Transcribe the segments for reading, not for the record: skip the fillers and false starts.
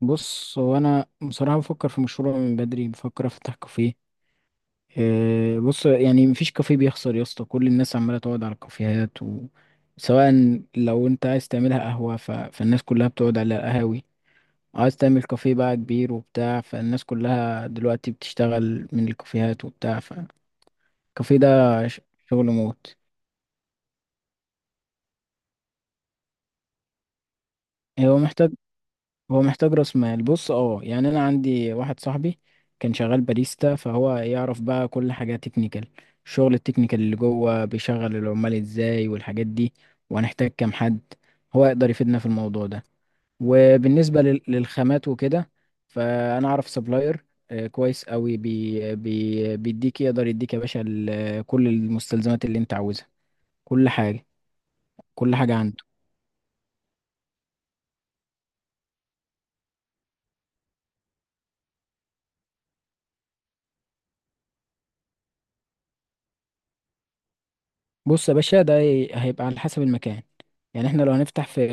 بص، هو انا بصراحه بفكر في مشروع من بدري، بفكر افتح كافيه. إيه، بص يعني مفيش كافيه بيخسر يا اسطى. كل الناس عماله تقعد على الكافيهات سواء. لو انت عايز تعملها قهوه، فالناس كلها بتقعد على القهاوي. عايز تعمل كافيه بقى كبير وبتاع، فالناس كلها دلوقتي بتشتغل من الكافيهات وبتاع، فالكافيه ده ش- شغل موت. هو محتاج هو محتاج راس مال. بص، يعني انا عندي واحد صاحبي كان شغال باريستا، فهو يعرف بقى كل حاجه تكنيكال. الشغل التكنيكال اللي جوه، بيشغل العمال ازاي والحاجات دي، وهنحتاج كام حد، هو يقدر يفيدنا في الموضوع ده. وبالنسبه للخامات وكده، فانا اعرف سبلاير كويس قوي بي بي بيديك. يقدر يديك يا باشا كل المستلزمات اللي انت عاوزها. كل حاجه كل حاجه عنده. بص يا باشا، ده هيبقى على حسب المكان. يعني احنا لو هنفتح في،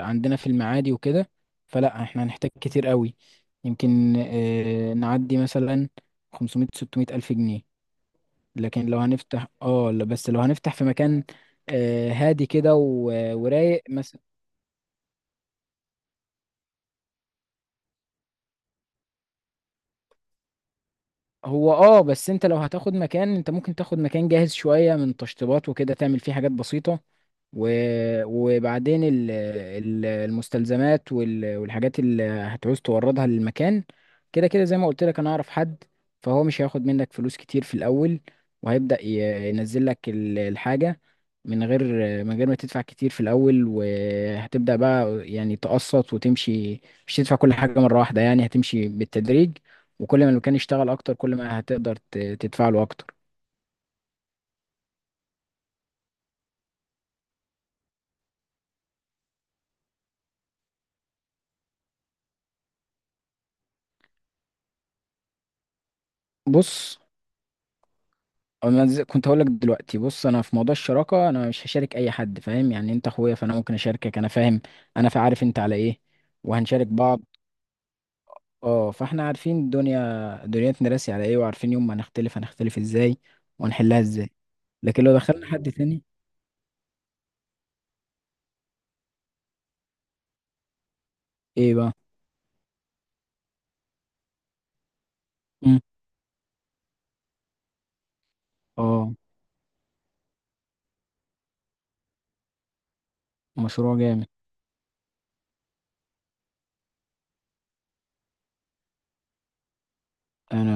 عندنا في المعادي وكده، فلا احنا هنحتاج كتير قوي. يمكن نعدي مثلا 500 600 ألف جنيه. لكن لو هنفتح، اه لا، بس لو هنفتح في مكان اه، هادي كده ورايق. هو بس انت لو هتاخد مكان، انت ممكن تاخد مكان جاهز شوية من تشطيبات وكده، تعمل فيه حاجات بسيطة. و... وبعدين المستلزمات والحاجات اللي هتعوز توردها للمكان، كده كده زي ما قلت لك انا اعرف حد. فهو مش هياخد منك فلوس كتير في الاول، وهيبدأ ينزل لك الحاجة. من غير من غير ما تدفع كتير في الاول، وهتبدأ بقى يعني تقسط وتمشي. مش تدفع كل حاجة مرة واحدة، يعني هتمشي بالتدريج. وكل ما المكان يشتغل اكتر، كل ما هتقدر تدفع له اكتر. بص، أنا كنت هقول لك دلوقتي. بص، انا في موضوع الشراكه، انا مش هشارك اي حد، فاهم؟ يعني انت اخويا فانا ممكن اشاركك، انا فاهم. انا عارف انت على ايه، وهنشارك بعض. اه، فاحنا عارفين الدنيا دنيتنا راسي على ايه، وعارفين يوم ما نختلف هنختلف ازاي وهنحلها ازاي. لكن لو دخلنا حد تاني، ايه بقى؟ مم. اه، مشروع جامد. انا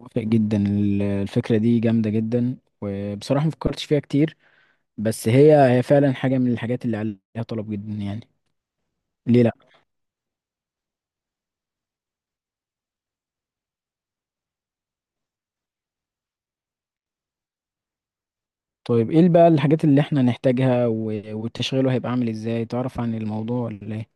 موافق جدا، الفكره دي جامده جدا، وبصراحه ما فكرتش فيها كتير. بس هي هي فعلا حاجة من الحاجات اللي عليها طلب جدا يعني. ليه لا. طيب، ايه بقى الحاجات اللي احنا نحتاجها والتشغيله هيبقى عامل ازاي؟ تعرف عن الموضوع ولا ايه؟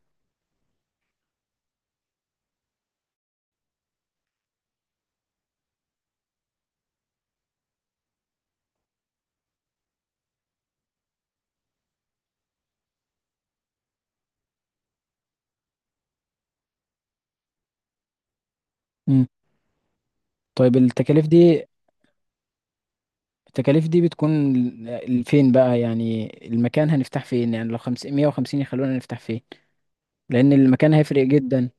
مم. طيب، التكاليف دي بتكون فين بقى؟ يعني المكان هنفتح فين؟ يعني لو 550 يخلونا نفتح فين؟ لان المكان هيفرق جدا.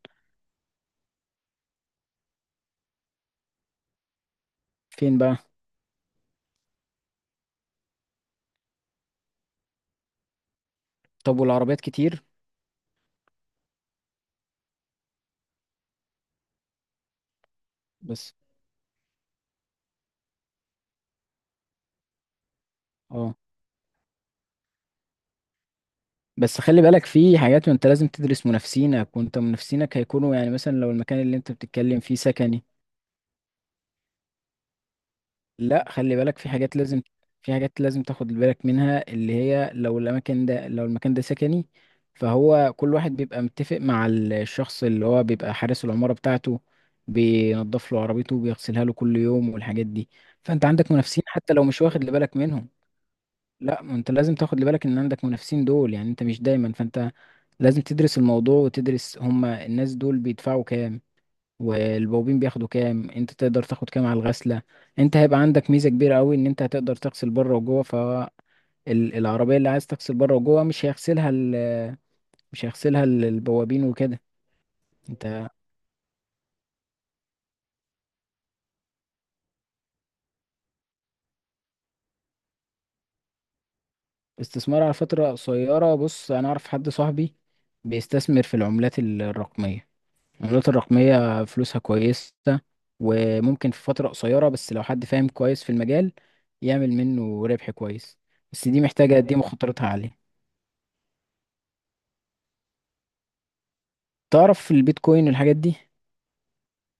فين بقى؟ طب والعربيات كتير؟ بس اه بس خلي بالك، في حاجات وانت لازم تدرس منافسينك. وانت منافسينك هيكونوا يعني مثلا لو المكان اللي انت بتتكلم فيه سكني. لا، خلي بالك، في حاجات لازم. في حاجات لازم تاخد بالك منها، اللي هي لو الاماكن ده، لو المكان ده سكني، فهو كل واحد بيبقى متفق مع الشخص اللي هو بيبقى حارس العمارة بتاعته، بينضف له عربيته وبيغسلها له كل يوم والحاجات دي. فانت عندك منافسين حتى لو مش واخد بالك منهم. لا، ما انت لازم تاخد بالك ان عندك منافسين دول، يعني انت مش دايما، فانت لازم تدرس الموضوع وتدرس هما الناس دول بيدفعوا كام، والبوابين بياخدوا كام، انت تقدر تاخد كام على الغسله. انت هيبقى عندك ميزه كبيره قوي، ان انت هتقدر تغسل بره وجوه. فالعربيه اللي عايز تغسل بره وجوه، مش هيغسلها مش هيغسلها البوابين وكده. انت استثمار على فتره قصيره، بص انا اعرف حد صاحبي بيستثمر في العملات الرقميه. العملات الرقميه فلوسها كويسه، وممكن في فتره قصيره، بس لو حد فاهم كويس في المجال، يعمل منه ربح كويس. بس دي محتاجه، دي مخاطرتها عاليه. تعرف في البيتكوين والحاجات دي؟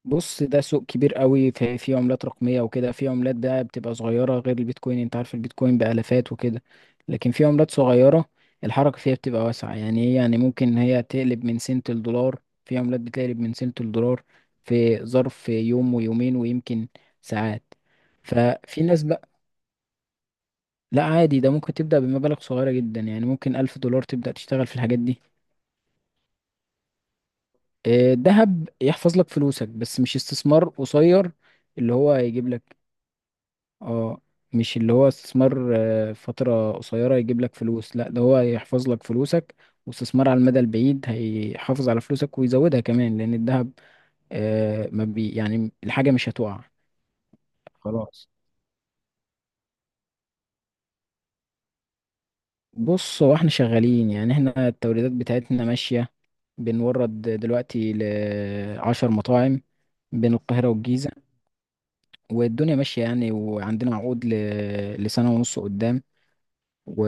بص، ده سوق كبير قوي، في عملات رقمية وكده، في عملات بقى بتبقى صغيرة غير البيتكوين. انت عارف البيتكوين بآلافات وكده. لكن في عملات صغيرة، الحركة فيها بتبقى واسعة. يعني هي يعني ممكن هي تقلب من سنت الدولار، في عملات بتقلب من سنت الدولار في ظرف يوم ويومين، ويمكن ساعات. ففي ناس بقى. لا، عادي، ده ممكن تبدأ بمبالغ صغيرة جدا. يعني ممكن 1000 دولار تبدأ تشتغل في الحاجات دي. الذهب يحفظ لك فلوسك، بس مش استثمار قصير اللي هو هيجيب لك. اه، مش اللي هو استثمار فترة قصيرة يجيب لك فلوس. لا، ده هو يحفظ لك فلوسك، واستثمار على المدى البعيد هيحافظ على فلوسك ويزودها كمان، لأن الذهب ما بي يعني الحاجة مش هتقع. خلاص. بص، هو احنا شغالين يعني، احنا التوريدات بتاعتنا ماشية. بنورد دلوقتي لـ10 مطاعم بين القاهرة والجيزة. والدنيا ماشية يعني، وعندنا عقود لسنة ونص قدام. و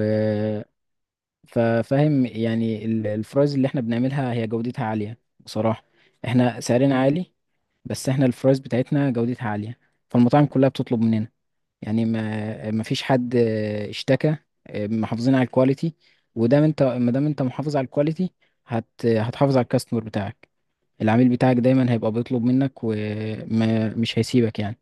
ففاهم يعني الفرايز اللي احنا بنعملها هي جودتها عالية بصراحة. احنا سعرنا عالي، بس احنا الفرايز بتاعتنا جودتها عالية، فالمطاعم كلها بتطلب مننا. يعني ما فيش حد اشتكى. اه، محافظين على الكواليتي. ودام انت، ما دام انت محافظ على الكواليتي، هتحافظ على الكاستمر بتاعك. العميل بتاعك دايما هيبقى بيطلب منك، ومش هيسيبك يعني.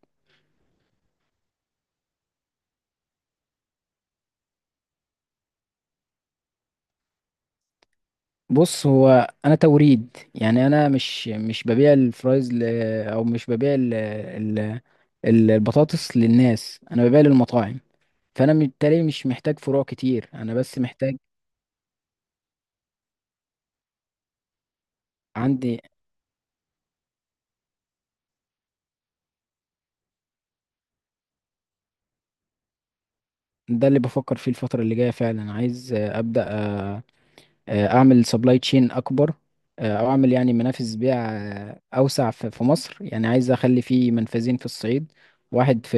بص، هو انا توريد يعني، انا مش ببيع الفرايز او مش ببيع البطاطس للناس. انا ببيع للمطاعم، فانا بالتالي مش محتاج فروع كتير، انا بس محتاج. عندي، ده اللي بفكر فيه الفترة اللي جاية، فعلا عايز ابدا اعمل سبلاي تشين اكبر. او اعمل يعني منافذ بيع اوسع في مصر. يعني عايز اخلي فيه منفذين في الصعيد، واحد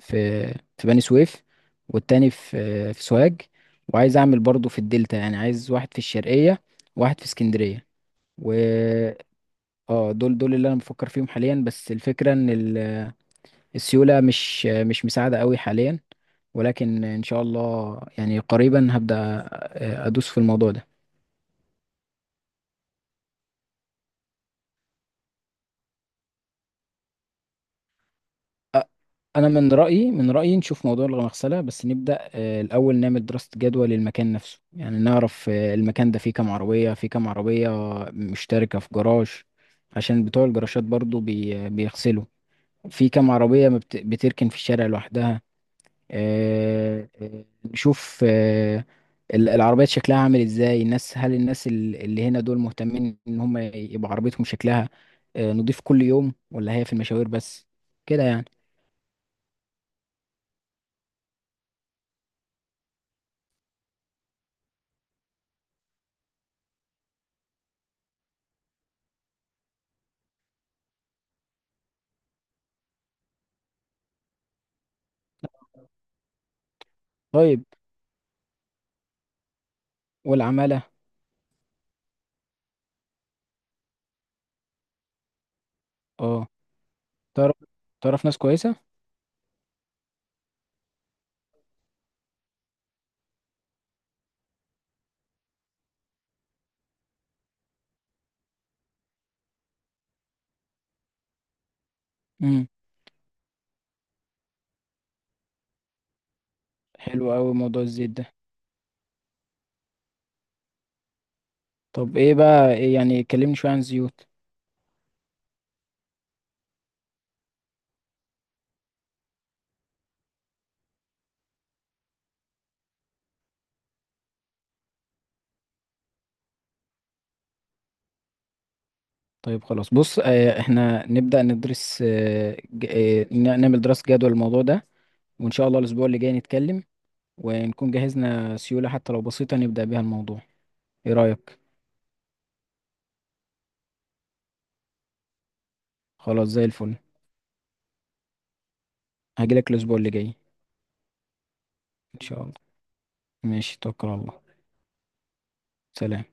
في في بني سويف، والتاني في سوهاج. وعايز اعمل برضو في الدلتا، يعني عايز واحد في الشرقية، واحد في اسكندرية، و اه دول اللي انا بفكر فيهم حاليا. بس الفكرة ان السيولة مش مساعدة قوي حاليا، ولكن ان شاء الله يعني قريبا هبدأ ادوس في الموضوع ده. انا من رايي نشوف موضوع المغسله، بس نبدا الاول نعمل دراسه جدوى للمكان نفسه. يعني نعرف المكان ده فيه كام عربيه مشتركه في جراج، عشان بتوع الجراشات برضو بيغسلوا. في كام عربيه ما بتركن في الشارع لوحدها. نشوف العربيات شكلها عامل ازاي. الناس، هل الناس اللي هنا دول مهتمين ان هم يبقى عربيتهم شكلها نضيف كل يوم، ولا هي في المشاوير بس كده يعني؟ طيب والعمالة، اه، تعرف تعرف ناس كويسة؟ امم حلو قوي موضوع الزيت ده. طب، ايه بقى، إيه يعني، كلمني شوية عن الزيوت. طيب خلاص، بص احنا نبدأ ندرس، نعمل دراسة جدوى للموضوع ده، وان شاء الله الاسبوع اللي جاي نتكلم، ونكون جهزنا سيولة حتى لو بسيطة نبدأ بيها الموضوع. ايه رأيك؟ خلاص، زي الفل. هجيلك الاسبوع اللي جاي ان شاء الله. ماشي، توكل على الله. سلام.